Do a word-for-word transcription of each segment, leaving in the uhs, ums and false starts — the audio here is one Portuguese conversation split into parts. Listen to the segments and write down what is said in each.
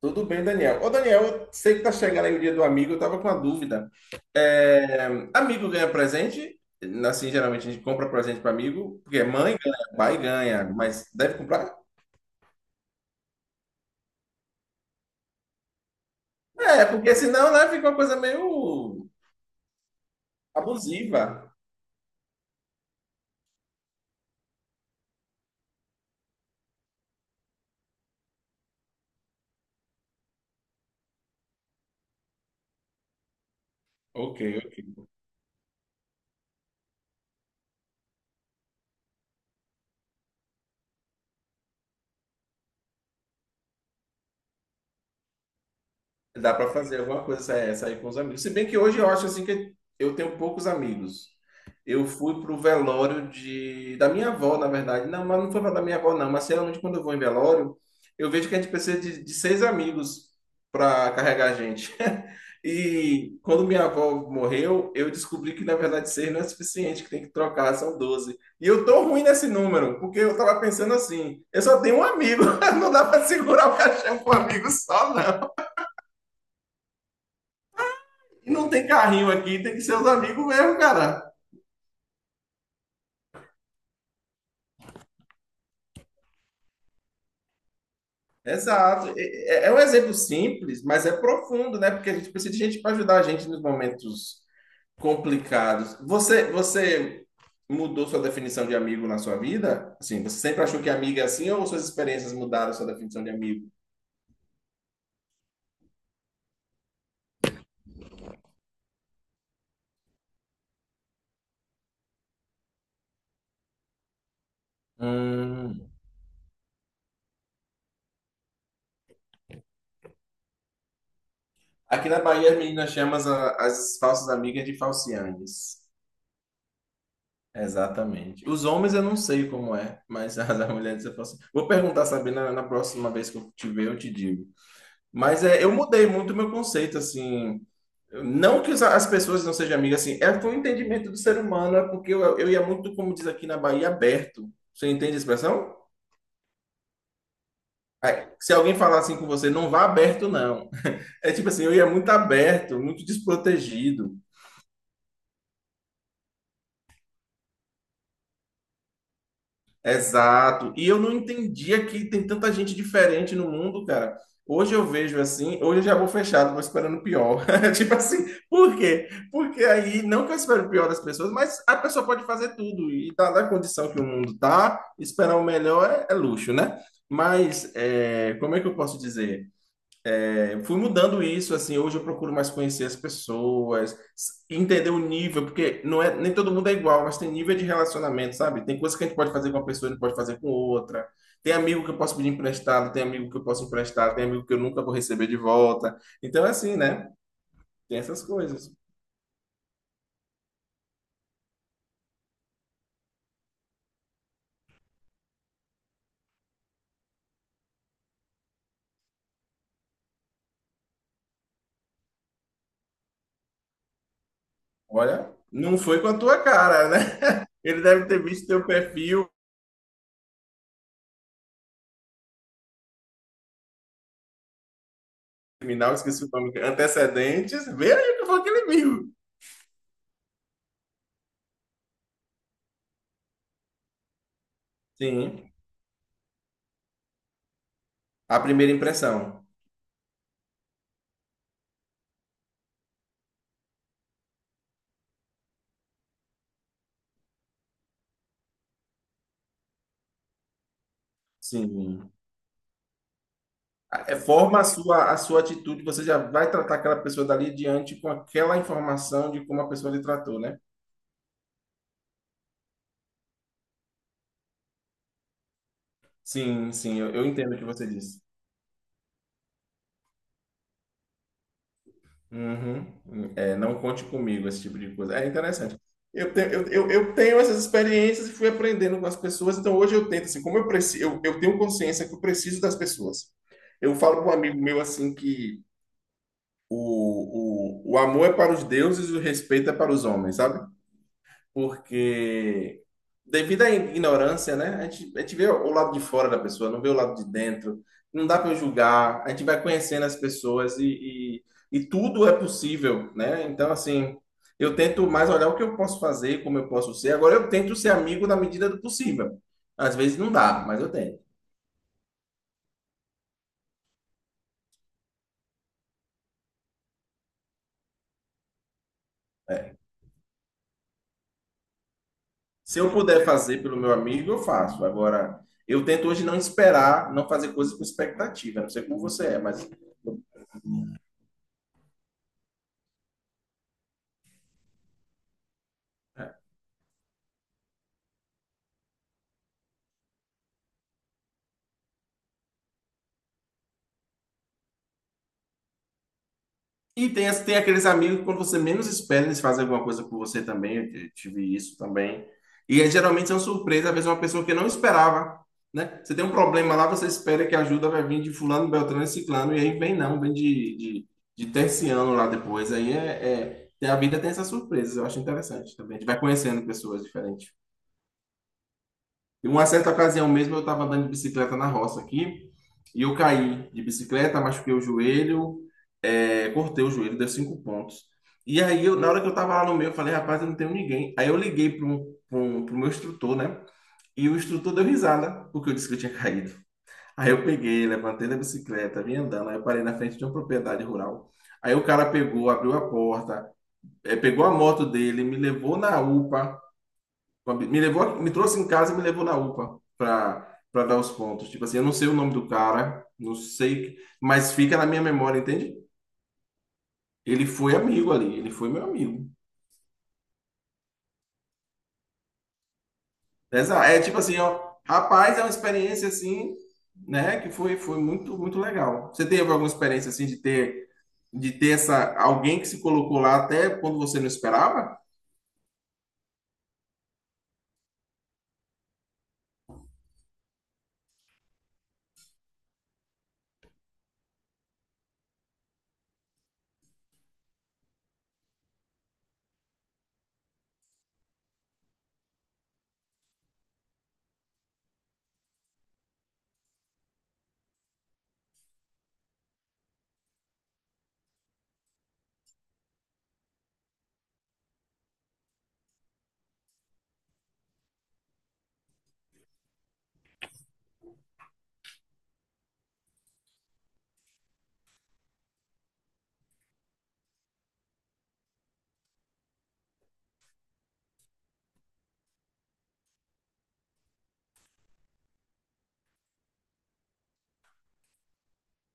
Tudo bem, Daniel. Ô, Daniel, eu sei que tá chegando aí o dia do amigo, eu tava com uma dúvida. É, Amigo ganha presente? Assim, geralmente a gente compra presente para amigo, porque mãe ganha, pai ganha, mas deve comprar? É, porque senão, né, fica uma coisa meio abusiva. Ok, ok. Dá para fazer alguma coisa, sair, sair com os amigos. Se bem que hoje eu acho assim que eu tenho poucos amigos. Eu fui pro velório de da minha avó, na verdade. Não, mas não foi pra da minha avó, não. Mas geralmente quando eu vou em velório, eu vejo que a gente precisa de, de seis amigos para carregar a gente. E quando minha avó morreu, eu descobri que na verdade seis não é suficiente, que tem que trocar, são doze. E eu tô ruim nesse número, porque eu tava pensando assim, eu só tenho um amigo, não dá para segurar o caixão com um amigo só, não. E não tem carrinho aqui, tem que ser os amigos mesmo, cara. Exato. É, é um exemplo simples, mas é profundo, né? Porque a gente precisa de gente para ajudar a gente nos momentos complicados. Você, você mudou sua definição de amigo na sua vida? Assim, você sempre achou que amigo é assim ou suas experiências mudaram sua definição de amigo? Hum. Aqui na Bahia, as meninas chamam as, as falsas amigas de falciandes. Exatamente. Os homens eu não sei como é, mas as as mulheres eu posso. Vou perguntar, sabe, na, na próxima vez que eu te ver, eu te digo. Mas é, eu mudei muito o meu conceito, assim. Não que os- as pessoas não sejam amigas, assim, é foi um entendimento do ser humano, é porque eu, eu ia muito, como diz aqui na Bahia, aberto. Você entende a expressão? Aí, se alguém falar assim com você, não vá aberto, não. É tipo assim, eu ia muito aberto, muito desprotegido. Exato. E eu não entendia que tem tanta gente diferente no mundo, cara. Hoje eu vejo assim, hoje eu já vou fechado, vou esperando o pior. Tipo assim, por quê? Porque aí, não que eu espero o pior das pessoas, mas a pessoa pode fazer tudo. E tá na condição que o mundo tá, esperar o melhor é, é luxo, né? Mas é, como é que eu posso dizer? Eu fui mudando isso, assim, hoje eu procuro mais conhecer as pessoas, s- entender o nível, porque não é, nem todo mundo é igual, mas tem nível de relacionamento, sabe? Tem coisas que a gente pode fazer com uma pessoa e não pode fazer com outra. Tem amigo que eu posso pedir emprestado, tem amigo que eu posso emprestar, tem amigo que eu nunca vou receber de volta. Então é assim, né? Tem essas coisas. Olha, não foi com a tua cara, né? Ele deve ter visto teu perfil criminal, esqueci o nome, antecedentes. Veja o que foi aquele amigo. Sim, a primeira impressão. Sim. É, forma a sua, a sua atitude, você já vai tratar aquela pessoa dali diante com aquela informação de como a pessoa lhe tratou, né? Sim, sim, eu, eu entendo o que você disse. Uhum. É, não conte comigo, esse tipo de coisa. É interessante. Eu tenho, eu, eu, eu tenho essas experiências e fui aprendendo com as pessoas, então hoje eu tento, assim, como eu, preci, eu, eu tenho consciência que eu preciso das pessoas. Eu falo para um amigo meu assim que o, o, o amor é para os deuses e o respeito é para os homens, sabe? Porque devido à ignorância, né? A gente, a gente vê o lado de fora da pessoa, não vê o lado de dentro. Não dá para julgar. A gente vai conhecendo as pessoas e, e, e tudo é possível, né? Então, assim, eu tento mais olhar o que eu posso fazer, como eu posso ser. Agora, eu tento ser amigo na medida do possível. Às vezes não dá, mas eu tento. Se eu puder fazer pelo meu amigo, eu faço. Agora, eu tento hoje não esperar, não fazer coisas com expectativa. Não sei como você é, mas E tem, as- tem aqueles amigos que quando você menos espera, eles fazem alguma coisa por você também. Eu t- tive isso também. E é, geralmente são surpresas, às vezes uma pessoa que não esperava, né? Você tem um problema lá, você espera que a ajuda vai vir de fulano, beltrano e ciclano, e aí vem não, vem de, de, de terciano lá depois. Aí é, é- tem- a vida tem essas surpresas, eu acho interessante também. A gente vai conhecendo pessoas diferentes. Em uma certa ocasião mesmo, eu estava andando de bicicleta na roça aqui e eu caí de bicicleta, machuquei o joelho, é, cortei o joelho, deu cinco pontos. E aí, eu, na hora que eu estava lá no meio, eu falei, rapaz, eu não tenho ninguém. Aí eu liguei para o meu instrutor, né? E o instrutor deu risada, porque eu disse que eu tinha caído. Aí eu peguei, levantei da bicicleta, vim andando, aí eu parei na frente de uma propriedade rural. Aí o cara pegou, abriu a porta, eh, pegou a moto dele, me levou na UPA, me levou, me trouxe em casa e me levou na UPA para para dar os pontos. Tipo assim, eu não sei o nome do cara, não sei, mas fica na minha memória, entende? Ele foi amigo ali, ele foi meu amigo. Essa, é tipo assim, ó, rapaz, é uma experiência assim, né, que foi foi muito muito legal. Você teve alguma experiência assim de ter de ter essa alguém que se colocou lá até quando você não esperava?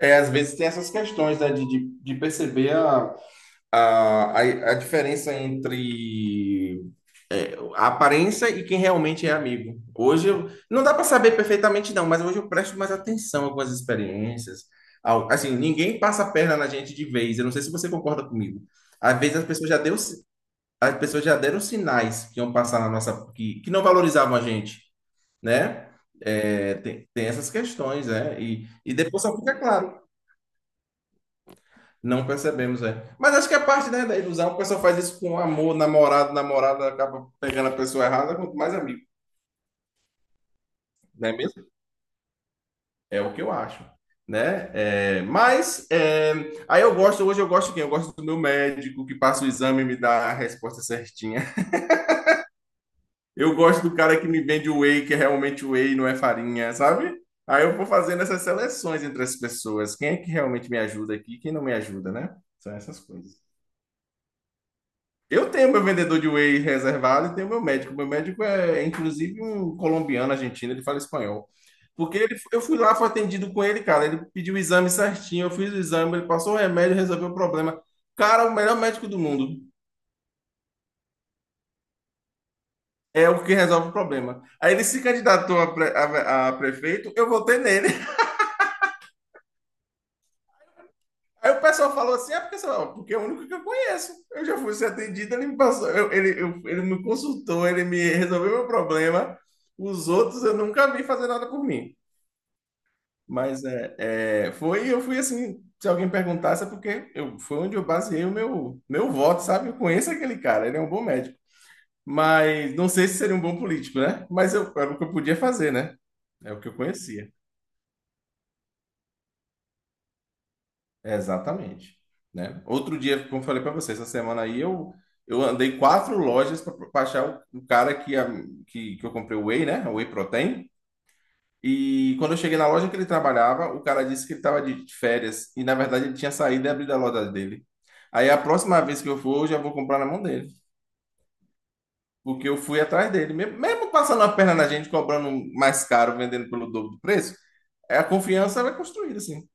É, às vezes tem essas questões, né, de, de, de perceber a, a, a, a diferença entre a aparência e quem realmente é amigo. Hoje eu, não dá para saber perfeitamente não, mas hoje eu presto mais atenção a algumas experiências. Ao- Assim, ninguém passa a perna na gente de vez. Eu não sei se você concorda comigo. Às vezes as pessoas já deu, si- as pessoas já deram sinais que iam passar na nossa que, que não valorizavam a gente, né? É, tem, tem essas questões, né? E, e depois só fica claro, não percebemos, é. Mas acho que a parte, né, da ilusão, o pessoal faz isso com amor, namorado, namorada acaba pegando a pessoa errada, quanto mais amigo, não é mesmo? É o que eu acho, né? É, mas é, aí eu gosto, hoje eu gosto de quem? Eu gosto do meu médico que passa o exame e me dá a resposta certinha. Eu gosto do cara que me vende o whey, que é realmente whey, não é farinha, sabe? Aí eu vou fazendo essas seleções entre as pessoas. Quem é que realmente me ajuda aqui, e quem não me ajuda, né? São essas coisas. Eu tenho meu vendedor de whey reservado e tenho meu médico. Meu médico é, é, inclusive, um colombiano argentino, ele fala espanhol. Porque ele- eu fui lá, fui atendido com ele, cara. Ele pediu o exame certinho, eu fiz o exame, ele passou o remédio, resolveu o problema. Cara, o melhor médico do mundo é o que resolve o problema. Aí ele se candidatou a, pre- a- a prefeito, eu votei nele. Aí o pessoal falou assim: é porque, sei lá, porque é o único que eu conheço. Eu já fui ser atendido, ele me passou, eu- ele, eu- ele me consultou, ele me resolveu meu problema. Os outros eu nunca vi fazer nada por mim. Mas é, é, foi, eu fui assim, se alguém perguntasse, é porque eu, foi onde eu baseei o meu, meu voto, sabe? Eu conheço aquele cara, ele é um bom médico. Mas não sei se seria um bom político, né? Mas eu, era o que eu podia fazer, né? É o que eu conhecia. Exatamente, né? Outro dia, como eu falei para você, essa semana aí eu, eu andei quatro lojas para achar o, o cara que, a- que, que eu comprei o Whey, né? O Whey Protein. E quando eu cheguei na loja que ele trabalhava, o cara disse que ele estava de férias e na verdade ele tinha saído e abrido a loja dele. Aí a próxima vez que eu for, eu já vou comprar na mão dele, porque eu fui atrás dele, mesmo mesmo passando a perna na gente, cobrando um mais caro, vendendo pelo dobro do preço, é a confiança vai construída assim.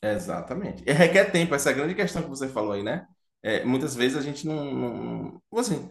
Exatamente. E requer tempo, essa é a grande questão que você falou aí, né? É, muitas vezes a gente não, não, assim,